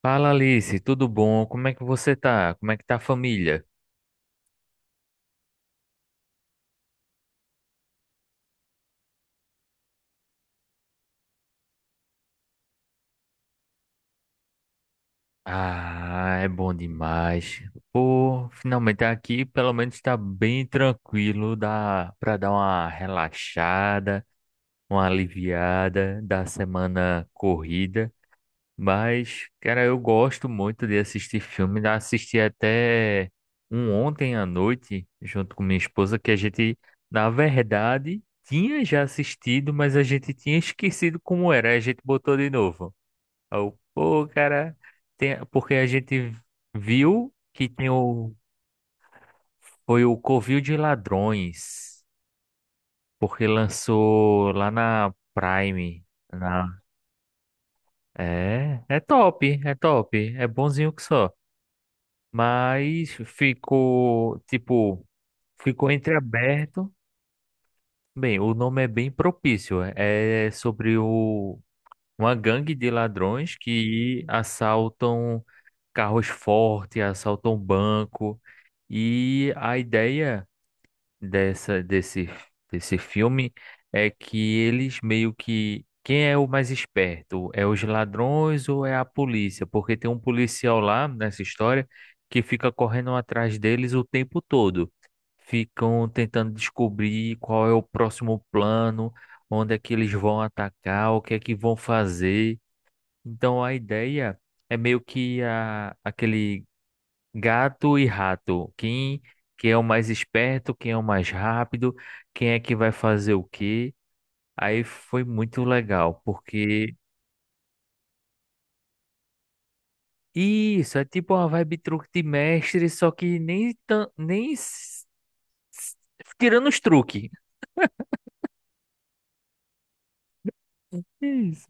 Fala Alice, tudo bom? Como é que você tá? Como é que tá a família? Ah, é bom demais. Pô, finalmente aqui pelo menos tá bem tranquilo, dá pra dar uma relaxada, uma aliviada da semana corrida. Mas, cara, eu gosto muito de assistir filme. Já assisti até um ontem à noite, junto com minha esposa, que a gente, na verdade, tinha já assistido, mas a gente tinha esquecido como era. Aí a gente botou de novo. Aí eu, pô, cara, porque a gente viu que tem o. Foi o Covil de Ladrões, porque lançou lá na Prime. Na... é top, é top, é bonzinho que só. Mas ficou entreaberto. Bem, o nome é bem propício. É sobre uma gangue de ladrões que assaltam carros fortes, assaltam banco. E a ideia dessa desse desse filme é que eles meio que quem é o mais esperto? É os ladrões ou é a polícia? Porque tem um policial lá nessa história que fica correndo atrás deles o tempo todo. Ficam tentando descobrir qual é o próximo plano, onde é que eles vão atacar, o que é que vão fazer. Então a ideia é meio que aquele gato e rato. Quem é o mais esperto, quem é o mais rápido, quem é que vai fazer o quê? Aí foi muito legal, porque isso é tipo uma vibe truque de mestre, só que nem tão, nem s- s- tirando os truques. Isso.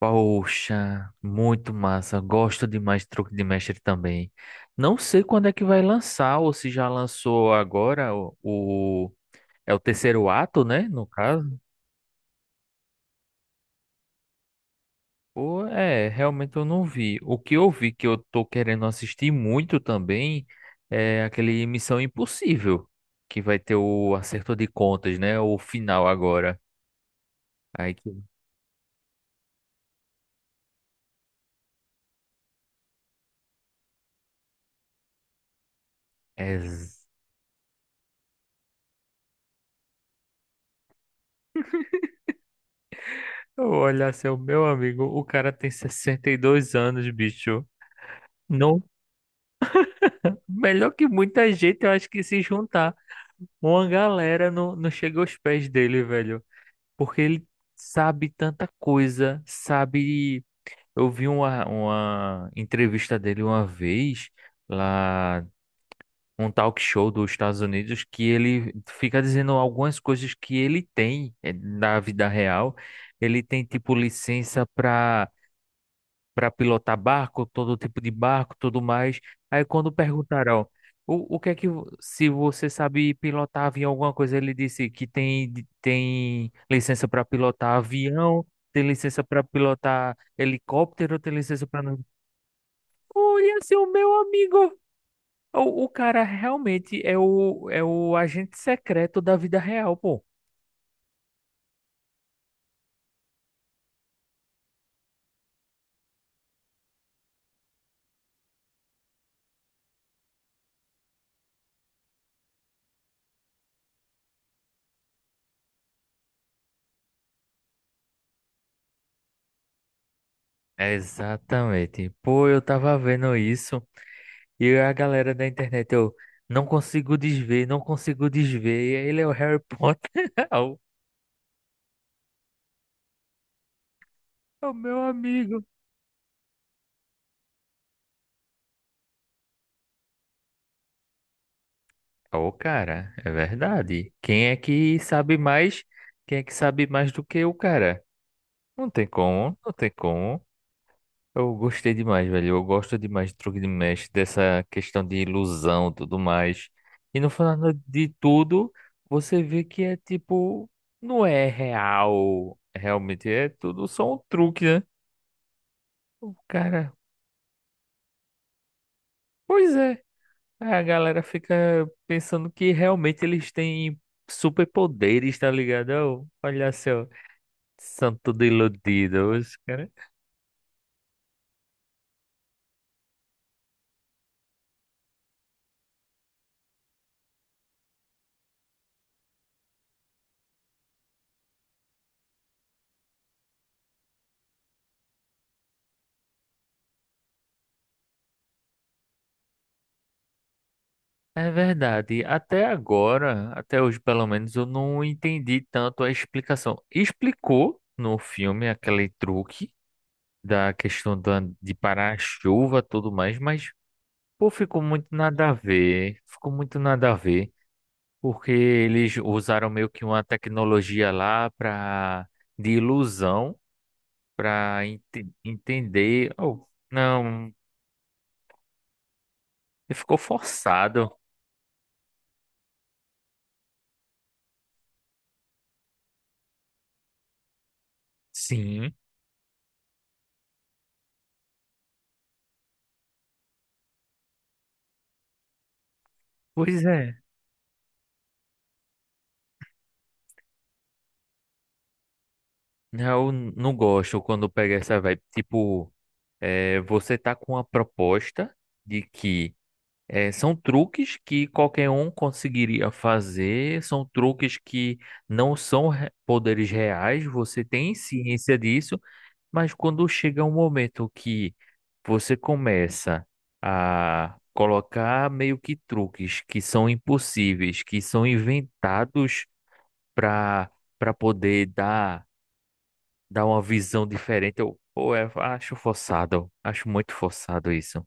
Poxa, muito massa. Gosto demais de truque de mestre também. Não sei quando é que vai lançar, ou se já lançou agora é o terceiro ato, né? No caso. Pô, é, realmente eu não vi. O que eu vi que eu tô querendo assistir muito também é aquele Missão Impossível, que vai ter o acerto de contas, né? O final agora. Aí que. É... z- Eu olhar seu meu amigo, o cara tem 62 anos, bicho. Não, melhor que muita gente, eu acho que se juntar, uma galera não chega aos pés dele, velho. Porque ele sabe tanta coisa, sabe. Eu vi uma entrevista dele uma vez lá, um talk show dos Estados Unidos, que ele fica dizendo algumas coisas que ele tem na vida real. Ele tem, tipo, licença para pilotar barco, todo tipo de barco, tudo mais. Aí quando perguntaram, o que é que, se você sabe pilotar avião, alguma coisa, ele disse que tem licença para pilotar avião, tem licença para pilotar helicóptero, tem licença para. Olha, seu meu amigo. O cara realmente é o agente secreto da vida real, pô. Exatamente. Pô, eu tava vendo isso e a galera da internet, eu não consigo desver, não consigo desver. Ele é o Harry Potter. o É o meu amigo. Ô, cara, é verdade. Quem é que sabe mais? Quem é que sabe mais do que o cara? Não tem como, não tem como. Eu gostei demais, velho. Eu gosto demais de truque de mestre, dessa questão de ilusão, tudo mais. E no final de tudo, você vê que é tipo, não é real, realmente é tudo só um truque, né? O cara, pois é. A galera fica pensando que realmente eles têm superpoderes, tá ligado? Ó, olha só, são tudo iludidos. É verdade. Até agora, até hoje pelo menos, eu não entendi tanto a explicação. Explicou no filme aquele truque da questão de parar a chuva e tudo mais, mas pô, ficou muito nada a ver. Ficou muito nada a ver, porque eles usaram meio que uma tecnologia lá de ilusão para entender. Oh, não, ficou forçado. Sim, pois é. Eu não gosto quando pega essa vibe. Tipo, é, você tá com a proposta de que são truques que qualquer um conseguiria fazer, são truques que não são re- poderes reais, você tem ciência disso, mas quando chega um momento que você começa a colocar meio que truques que são impossíveis, que são inventados para para poder dar. Dá uma visão diferente. Pô, eu acho forçado. Acho muito forçado isso.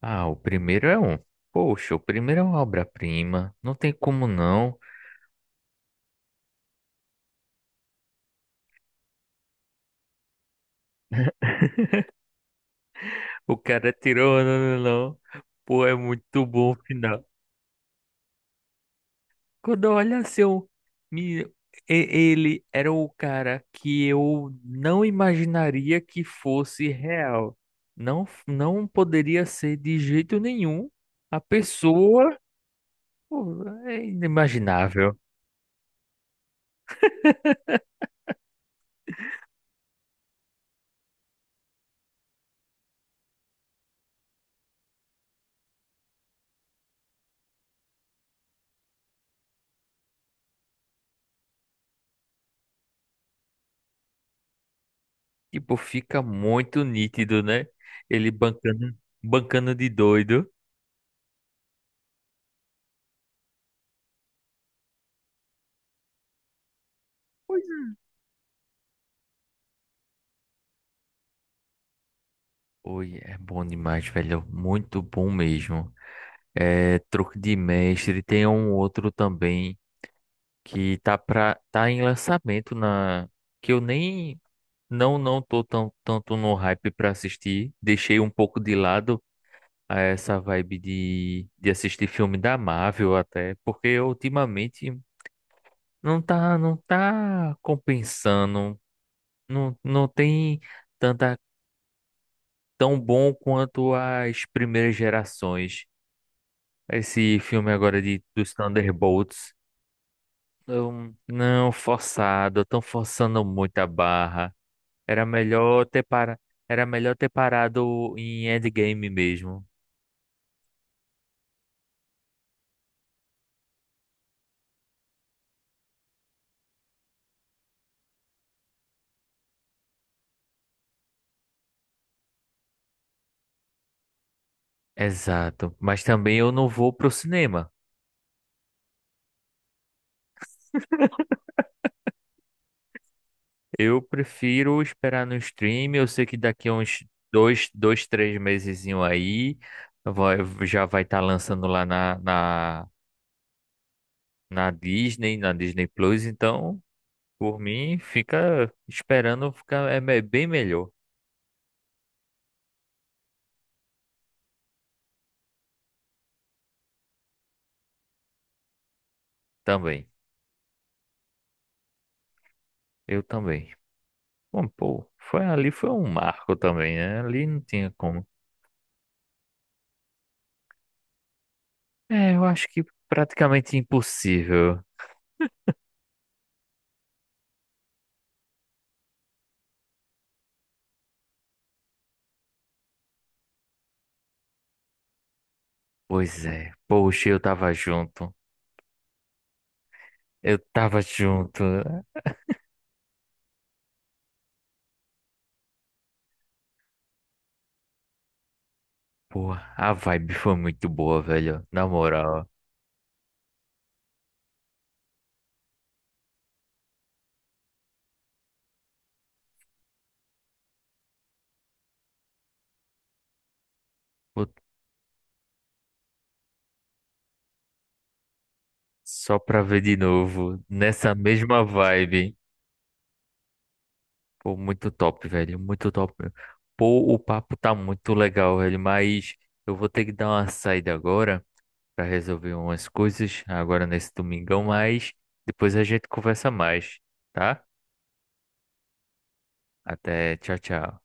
Ah, o primeiro é um. Poxa, o primeiro é uma obra-prima. Não tem como não. O cara tirou. Não, não, não. Pô, é muito bom o final. Quando olha assim, me, e- ele era o cara que eu não imaginaria que fosse real. Não, não poderia ser de jeito nenhum a pessoa. Pô, é inimaginável. Tipo, fica muito nítido, né? Ele bancando de doido. Pois é. Oi, é bom demais, velho. Muito bom mesmo. É, Truque de Mestre. Tem um outro também que tá em lançamento na que eu nem não tô tão, tanto no hype pra assistir. Deixei um pouco de lado a essa vibe de assistir filme da Marvel até, porque ultimamente não tá não tá compensando não tem tanta tão bom quanto as primeiras gerações. Esse filme agora de dos Thunderbolts, não forçado, estão forçando muito a barra. Era melhor ter para, era melhor ter parado em Endgame mesmo. Exato, mas também eu não vou pro cinema. Eu prefiro esperar no stream. Eu sei que daqui a uns dois, três mesezinho aí vai- já vai estar lançando lá na Disney, na Disney Plus, então, por mim, fica esperando ficar bem melhor também. Eu também. Bom, pô, foi ali foi um marco também, né? Ali não tinha como. É, eu acho que praticamente impossível. Pois é. Poxa, eu tava junto. Eu tava junto. Pô, a vibe foi muito boa, velho. Na moral. Pô, só pra ver de novo, nessa mesma vibe. Pô, muito top, velho. Muito top mesmo. Pô, o papo tá muito legal, velho. Mas eu vou ter que dar uma saída agora pra resolver umas coisas agora nesse domingão, mas depois a gente conversa mais, tá? Até, tchau, tchau.